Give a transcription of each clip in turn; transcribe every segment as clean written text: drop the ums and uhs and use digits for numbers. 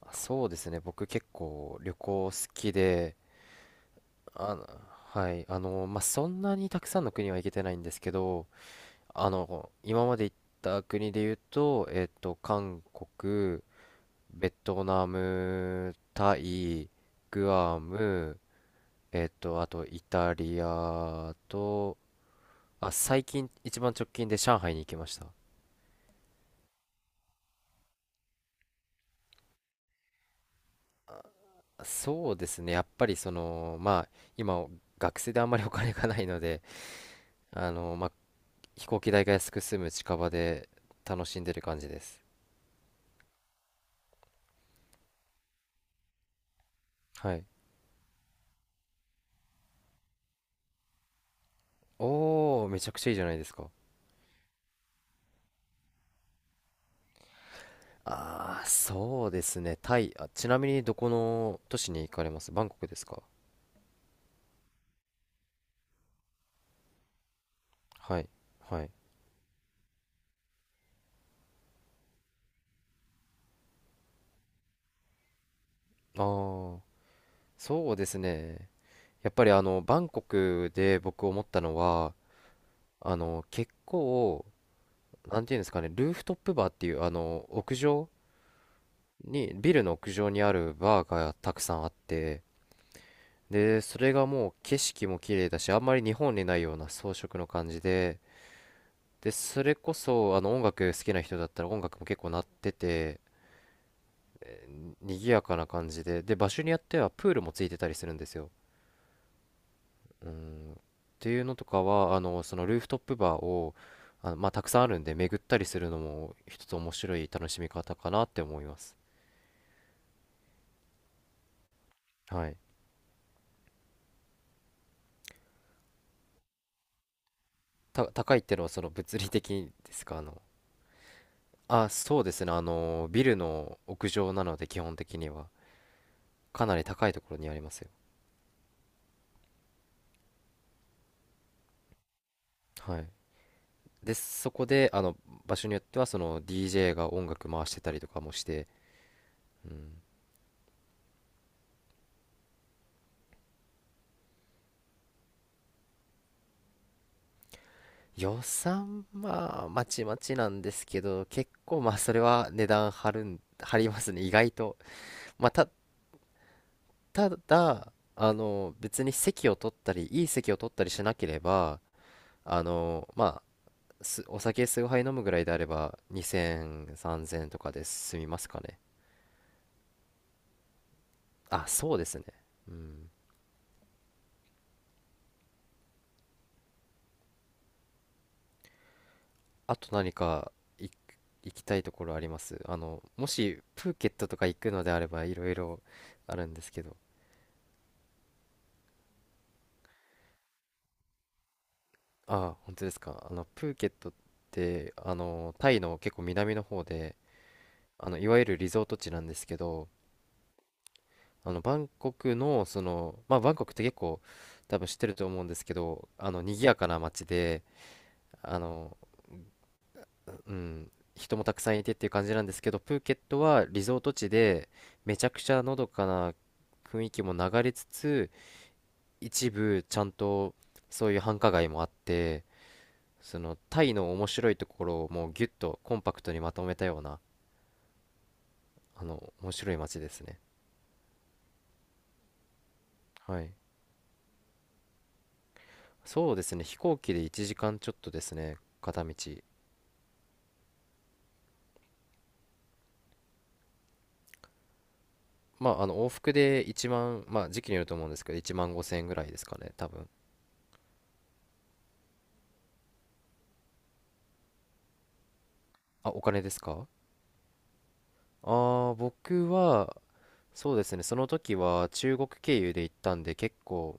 あそうですね。僕結構旅行好きで、はい、まあ、そんなにたくさんの国は行けてないんですけど、今まで行った国で言うと、韓国、ベトナム、タイ、グアム、あとイタリアと、あ、最近一番直近で上海に行きました。そうですね。やっぱりまあ、今、学生であんまりお金がないので、まあ、飛行機代が安く済む近場で楽しんでる感じです。はい。おー、めちゃくちゃいいじゃないですか。あー、そうですね。タイ。あ、ちなみにどこの都市に行かれます？バンコクですか？はい。はい。ああ、そうですね。やっぱりバンコクで僕思ったのは、結構、なんていうんですかね、ルーフトップバーっていう、屋上に、ビルの屋上にあるバーがたくさんあって、で、それがもう景色も綺麗だし、あんまり日本にないような装飾の感じで、で、それこそ、音楽好きな人だったら音楽も結構鳴ってて、賑やかな感じで、で、場所によってはプールもついてたりするんですよ。うん。っていうのとかは、そのルーフトップバーを、まあ、たくさんあるんで、巡ったりするのも一つ面白い楽しみ方かなって思います。はい。高いってのはその物理的ですか、あ、そうですね。ビルの屋上なので、基本的には。かなり高いところにありますよ。はい。で、そこで、場所によっては、その DJ が音楽回してたりとかもして、うん。予算、まあ、まちまちなんですけど、結構、まあ、それは値段張るん、張りますね、意外と。まあ、ただ、別に席を取ったり、いい席を取ったりしなければ、まあ、お酒数杯飲むぐらいであれば、2000、3000とかで済みますかね。あ、そうですね。うん。あと何か行き行きたいところあります？もしプーケットとか行くのであればいろいろあるんですけど。ああ、本当ですか。プーケットって、タイの結構南の方で、いわゆるリゾート地なんですけど、バンコクの、その、まあ、バンコクって結構多分知ってると思うんですけど、賑やかな街で、あの、うん、人もたくさんいてっていう感じなんですけど、プーケットはリゾート地で、めちゃくちゃのどかな雰囲気も流れつつ、一部ちゃんとそういう繁華街もあって、そのタイの面白いところをもうギュッとコンパクトにまとめたような、面白い街ですね。はい。そうですね、飛行機で1時間ちょっとですね、片道。まあ、往復で1万、まあ、時期によると思うんですけど、1万5千円ぐらいですかね、多分。あ、お金ですか？ああー、僕は、そうですね、その時は中国経由で行ったんで、結構、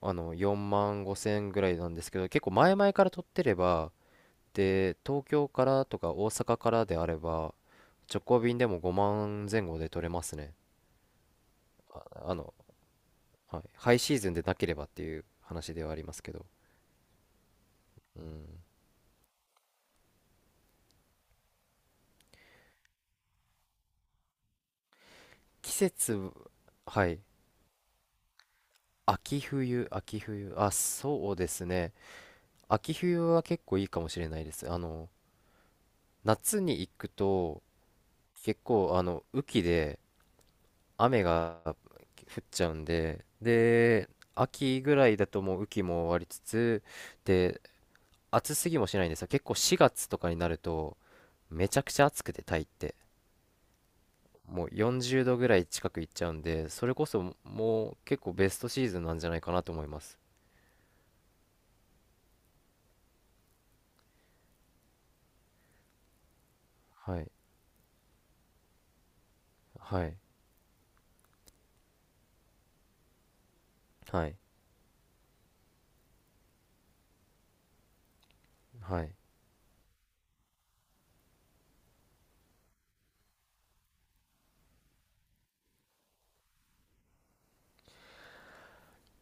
4万5千ぐらいなんですけど、結構前々から取ってれば、で、東京からとか大阪からであれば、直行便でも5万前後で取れますね。あ、はい、ハイシーズンでなければっていう話ではありますけど。季節、はい、秋冬、秋冬、あ、そうですね。秋冬は結構いいかもしれないです。夏に行くと、結構、雨季で、雨が降っちゃうんで、で、秋ぐらいだともう雨季も終わりつつ、で、暑すぎもしないんですよ。結構4月とかになると、めちゃくちゃ暑くて、タイって。もう40度ぐらい近くいっちゃうんで、それこそもう結構ベストシーズンなんじゃないかなと思います。はい、はい、はい、はい。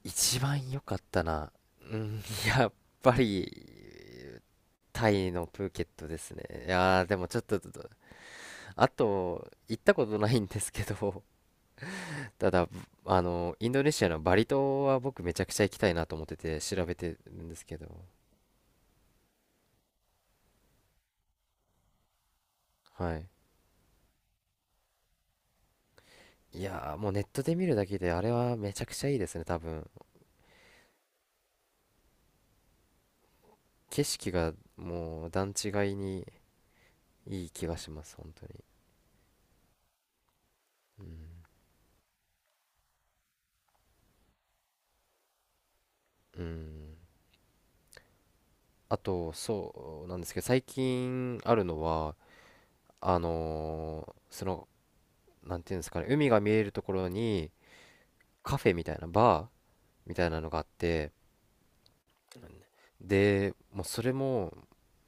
一番良かったな。うん、やっぱり、タイのプーケットですね。いやー、でもちょっと、あと、行ったことないんですけど、ただ、インドネシアのバリ島は僕めちゃくちゃ行きたいなと思ってて調べてるんですけど、はい。いやー、もうネットで見るだけであれはめちゃくちゃいいですね、多分。景色がもう段違いにいい気がします、本当に。うん。うん。あと、そうなんですけど、最近あるのは、その、なんていうんですかね、海が見えるところにカフェみたいな、バーみたいなのがあって、でもうそれも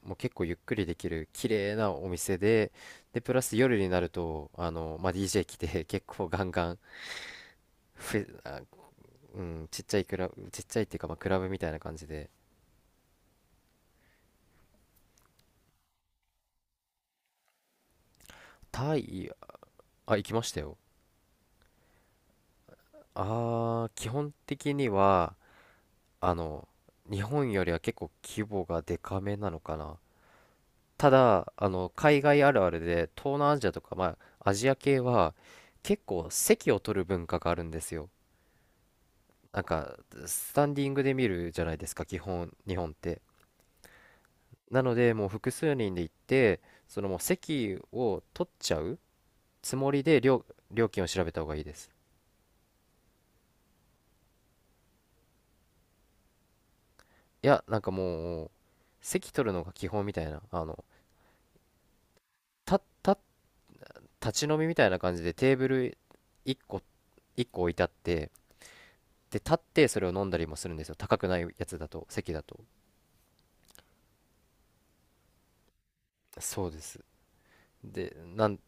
もう結構ゆっくりできる綺麗なお店で、でプラス夜になるとまあ、DJ 来て 結構ガンガンフェあ、うん、ちっちゃいクラブちっちゃいっていうか、まあ、クラブみたいな感じで。タイ、あ、行きましたよ。あー基本的にはあの日本よりは結構規模がでかめなのかな。ただ海外あるあるで東南アジアとか、まあ、アジア系は結構席を取る文化があるんですよ。なんかスタンディングで見るじゃないですか、基本日本って。なのでもう複数人で行って、そのもう席を取っちゃうつもりで料金を調べた方がいいです。いやなんかもう席取るのが基本みたいなた、た、立ち飲みみたいな感じでテーブル1個1個置いてあって、で立ってそれを飲んだりもするんですよ、高くないやつだと席だと。そうです。で、なん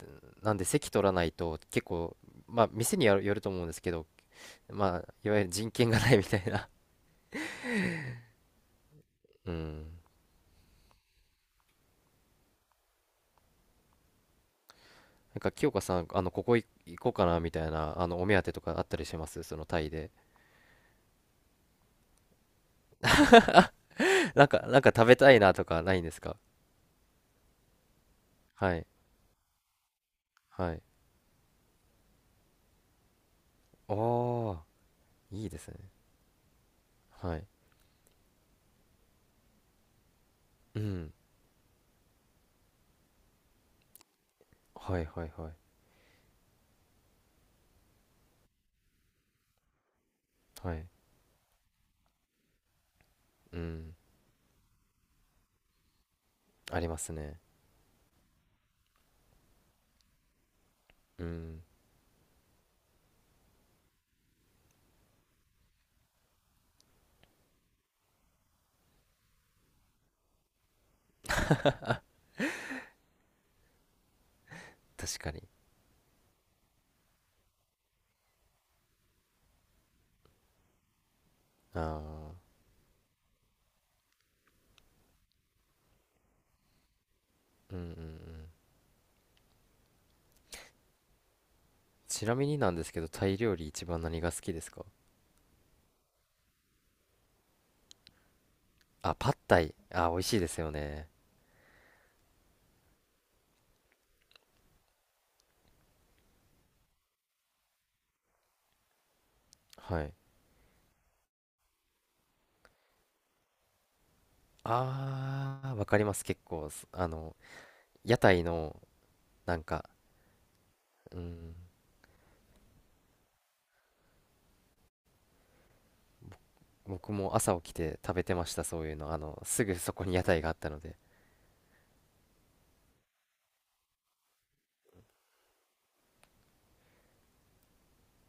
なんで席取らないと結構、まあ店によると思うんですけど、まあ、いわゆる人権がないみたいな。うん。なんか、清香さん、ここい行こうかなみたいな、お目当てとかあったりします？そのタイで。なんか食べたいなとかないんですか？はい。はい。ああ、いいですね。はい。うん。はいはいはい。はい。うん。ありますね。うん。確かに。ああ。うんうんうん。ちなみになんですけど、タイ料理一番何が好きですか？あ、パッタイ。あ、美味しいですよね。はい。あー、わかります。結構、すあの、屋台の、なんか、うん、僕も朝起きて食べてました、そういうの。すぐそこに屋台があったので。